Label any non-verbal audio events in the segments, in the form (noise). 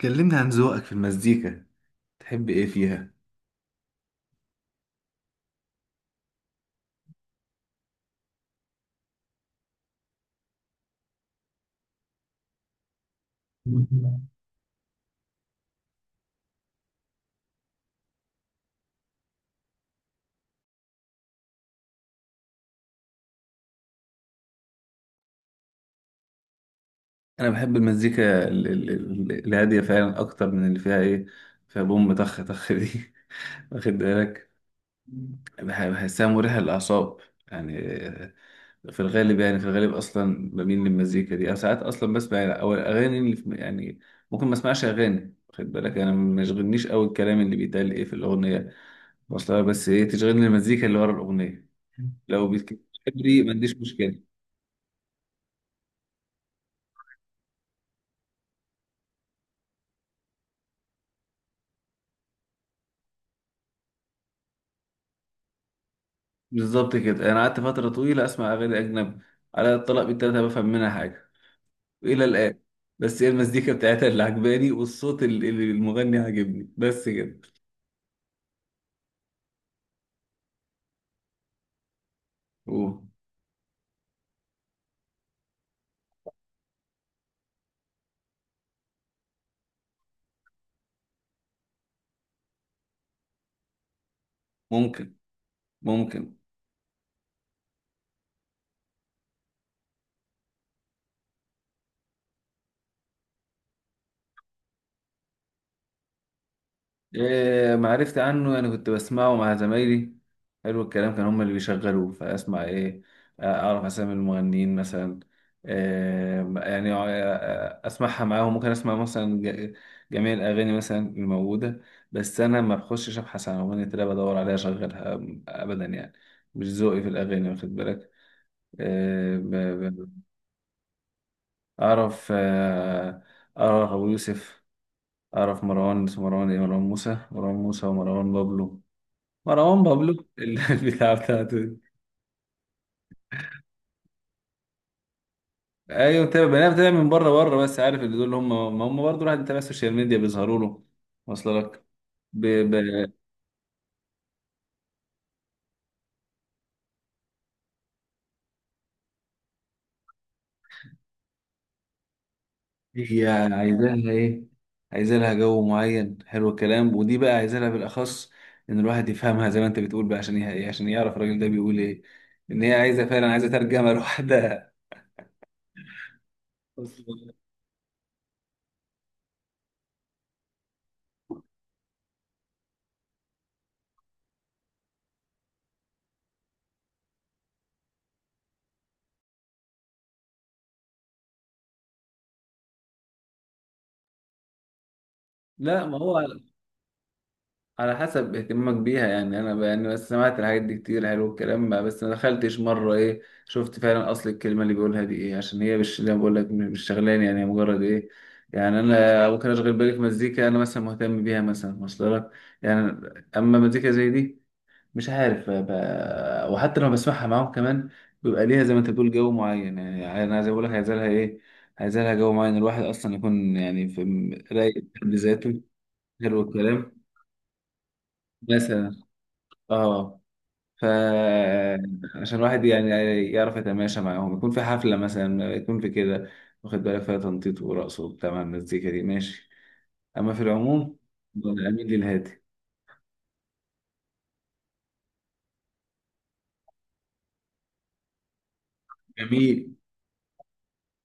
كلمني عن ذوقك في المزيكا. تحب ايه فيها؟ انا بحب المزيكا الهاديه فعلا اكتر من اللي فيها فيها بوم طخ طخ دي (laughs) واخد بالك. بحسها مريحه للاعصاب، يعني آه، في الغالب، يعني في الغالب اصلا بميل للمزيكا دي، او ساعات اصلا بسمع، او الاغاني اللي في، يعني، ممكن ما اسمعش اغاني. واخد بالك، انا ما يشغلنيش قوي الكلام اللي بيتقال في الاغنيه وصلها، بس ايه تشغلني المزيكا اللي ورا الاغنيه. لو بتحبني ما عنديش مشكله. بالظبط كده. انا قعدت فتره طويله اسمع اغاني اجنبي على الطلاق بالتلاته بفهم منها حاجه الى الان، بس هي المزيكا بتاعتها اللي عجباني والصوت اللي المغني عاجبني، بس كده. أوه. ممكن، ممكن. إيه معرفت عنه؟ يعني كنت بسمعه مع زمايلي، حلو الكلام. كان هم اللي بيشغلوه فاسمع، ايه آه، اعرف اسامي المغنيين مثلا، إيه يعني آه، اسمعها معاهم. ممكن اسمع مثلا جميع الاغاني مثلا الموجوده، بس انا ما بخشش ابحث عن اغنيه راب ادور عليها اشغلها ابدا. يعني مش ذوقي في الاغاني، واخد بالك. إيه ب- ب- اعرف، اعرف ابو يوسف، اعرف مروان. اسمه مروان إيه؟ مروان موسى. مروان موسى ومروان بابلو. مروان بابلو (laughs) البتاع بتاعته دي. ايوه متابع. انا بتابع من بره، بس عارف اللي دول. هم ما هم برضه الواحد بيتابع السوشيال ميديا بيظهروا له، واصل لك. ب... ب... هي عايزاها ايه؟ عايزة لها جو معين، حلو الكلام، ودي بقى عايزة لها بالاخص ان الواحد يفهمها زي ما انت بتقول بقى، عشان ايه؟ عشان يعرف الراجل ده بيقول ايه. ان هي عايزه، فعلا عايزه ترجمه لوحدها (laughs) أصلاً. لا ما هو على حسب اهتمامك بيها. يعني انا يعني بس سمعت الحاجات دي كتير، حلو الكلام بقى، بس ما دخلتش مره شفت فعلا اصل الكلمه اللي بيقولها دي ايه، عشان هي مش زي ما بقول لك، مش شغلاني. يعني هي مجرد يعني انا ممكن اشغل بالي في مزيكا انا مثلا مهتم بيها مثلا، واصل لك. يعني اما مزيكا زي دي مش عارف وحتى لما بسمعها معاهم كمان بيبقى ليها زي ما انت بتقول جو معين. يعني انا زي ما بقول لك عايز لها عايز لها جو معين، الواحد اصلا يكون يعني في رايق بذاته، حلو الكلام، مثلا. اه. فعشان الواحد يعني يعرف يتماشى معاهم، يكون في حفلة مثلا، يكون في كده، واخد بالك، فيها تنطيط ورقص وبتاع مع المزيكا دي، ماشي. أما في العموم أنا أميل للهادي. جميل،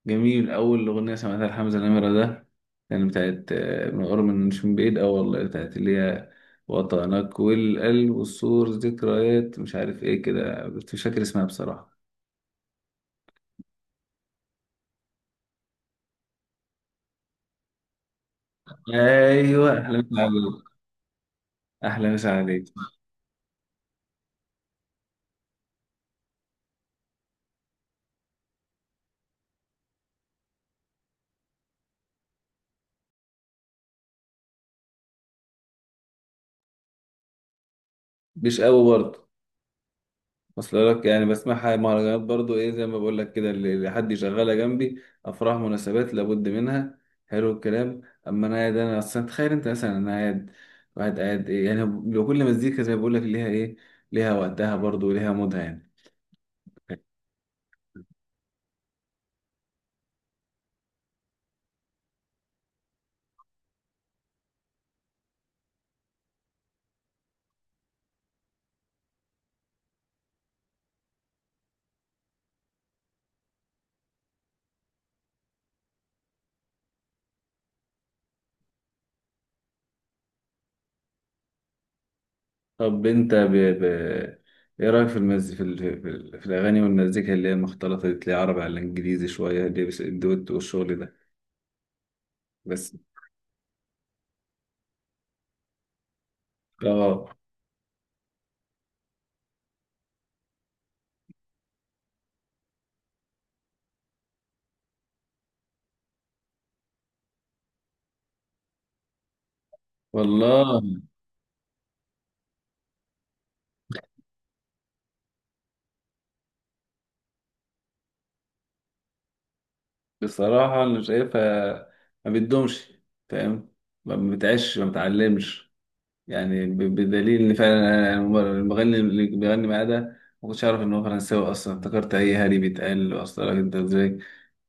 جميل. أول أغنية سمعتها لحمزة نمرة ده كان بتاعت من قرب، من مش من بعيد أوي والله، بتاعت اللي هي وطنك والقلب والسور ذكريات، مش عارف ايه كده. مش فاكر اسمها بصراحة. ايوه، احلى مسا عليك. احلى مسا عليك. مش قوي برضه. اصل لك يعني بسمعها مهرجانات برضو، زي ما بقول لك كده، اللي حد يشغلها جنبي، افراح مناسبات لابد منها، حلو الكلام. اما انا قاعد، انا اصلا تخيل انت مثلا انا قاعد واحد قاعد، يعني لو كل مزيكا زي ما بقول لك ليها ليها وقتها برضو، وليها مودها يعني. طب انت ب... ايه رايك في المز في, ال... في, ال... في الاغاني والمزيكا اللي هي المختلطه دي، تلاقي عربي على انجليزي شويه اللي هي الدوت والشغل ده بس. اه والله. بصراحة أنا شايفها ما بتدومش، فاهم، ما بتعيش ما بتعلمش، يعني. بدليل إن فعلا أنا المغني اللي بيغني معاه ده ما كنتش أعرف إن هو فرنساوي أصلا. افتكرت أي هري بيتقال أصلا. أنت إزاي؟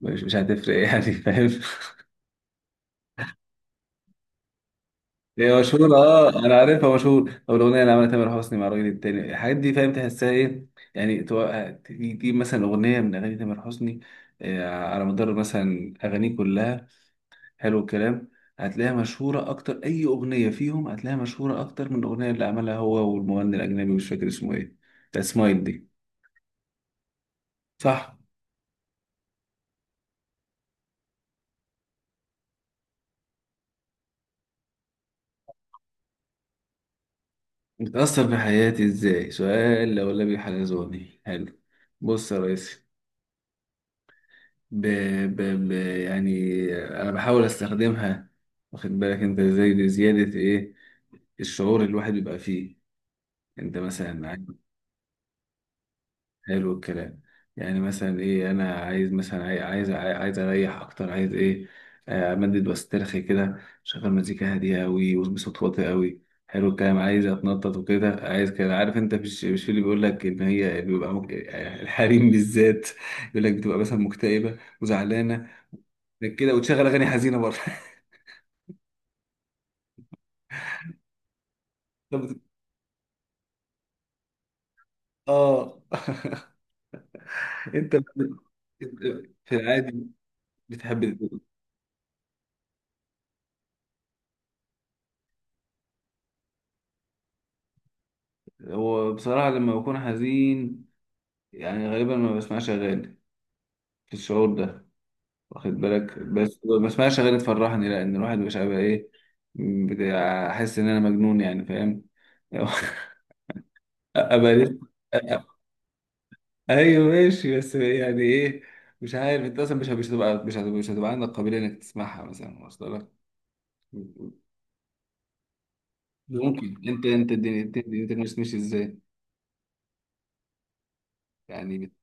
مش هتفرق يعني، فاهم (laughs) هي مشهورة أه أنا عارفها مشهور. أو الأغنية اللي عملها تامر حسني مع الراجل التاني، الحاجات دي فاهم، تحسها إيه؟ يعني تجيب مثلا أغنية من أغاني تامر حسني، على مدار مثلا أغانيه كلها، حلو الكلام، هتلاقيها مشهورة أكتر. أي أغنية فيهم هتلاقيها مشهورة أكتر من الأغنية اللي عملها هو والمغني الأجنبي، مش فاكر اسمه إيه، بتاع سمايل دي. صح. بتأثر في حياتي إزاي؟ سؤال لولبي حلزوني حلو. بص يا ريس، ب... ب... يعني أنا بحاول أستخدمها، واخد بالك أنت إزاي، لزيادة الشعور اللي الواحد بيبقى فيه. أنت مثلا، حلو الكلام، يعني مثلا انا عايز مثلا عايز عايز اريح اكتر، عايز ايه آه، امدد واسترخي كده، شغل مزيكا هاديه قوي وبصوت واطي قوي، حلو الكلام. عايز اتنطط وكده، عايز كده، عارف انت، مش في اللي بيقول لك ان هي بيبقى يعني الحريم بالذات يقول لك بتبقى مثلا مكتئبه وزعلانه لك كده وتشغل اغاني حزينه برضه (laughs) طب. اه (laughs) انت في العادي بتحب. هو بصراحه لما بكون حزين يعني غالبا ما بسمعش اغاني في الشعور ده، واخد بالك، بس ما اسمعش غير تفرحني، لان الواحد مش هيبقى احس ان انا مجنون يعني، فاهم (laughs) ابقى لسه. ايوه ماشي، بس يعني مش عارف انت اصلا مش هتبقى عندك قابليه انك تسمعها مثلا، واصل لك. ممكن انت، الدنيا، انت دنيتك مش ماشي ازاي، يعني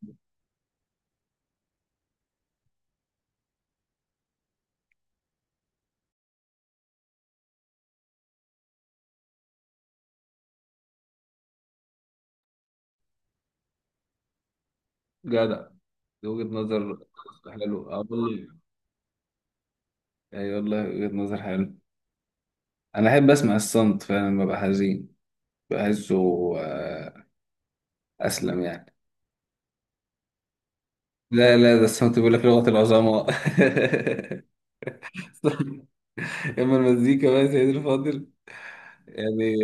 جدع. دي وجهه نظر. حلو، اه والله. اي والله، وجهه نظر حلو. انا احب اسمع الصمت فعلا لما ابقى حزين، بحسه آه، أسلم يعني. لا لا، ده الصمت بيقول لك لغة العظماء (laughs) أما المزيكا بقى يا سيدي الفاضل، يعني،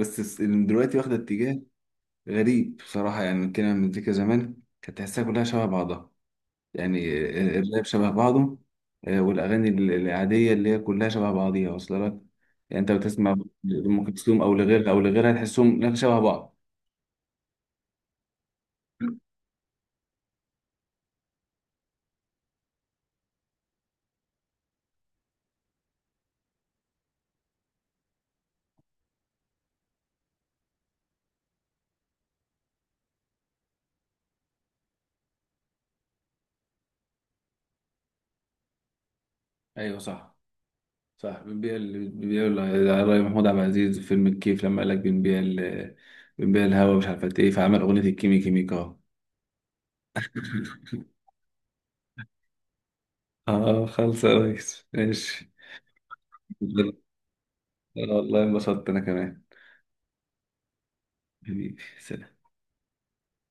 بس دلوقتي واخدة اتجاه غريب بصراحة يعني كده. المزيكا زمان كانت تحسها كلها شبه بعضها، يعني الراب شبه بعضه، والأغاني العادية اللي هي كلها شبه بعضيها، واصلة لك يعني. أنت بتسمع أم كلثوم أو لغيرها أو لغيرها، تحسهم إنها شبه بعض. أيوه صح. صح. بنبيع الراي. محمود عبد العزيز في فيلم الكيف لما قال لك بنبيع الهوا مش عارف قد ايه، فعمل اغنيه الكيمي كيميكا (laughs) اه خلص يا ريس، ماشي. (laughs) والله انبسطت انا كمان. حبيبي سلام.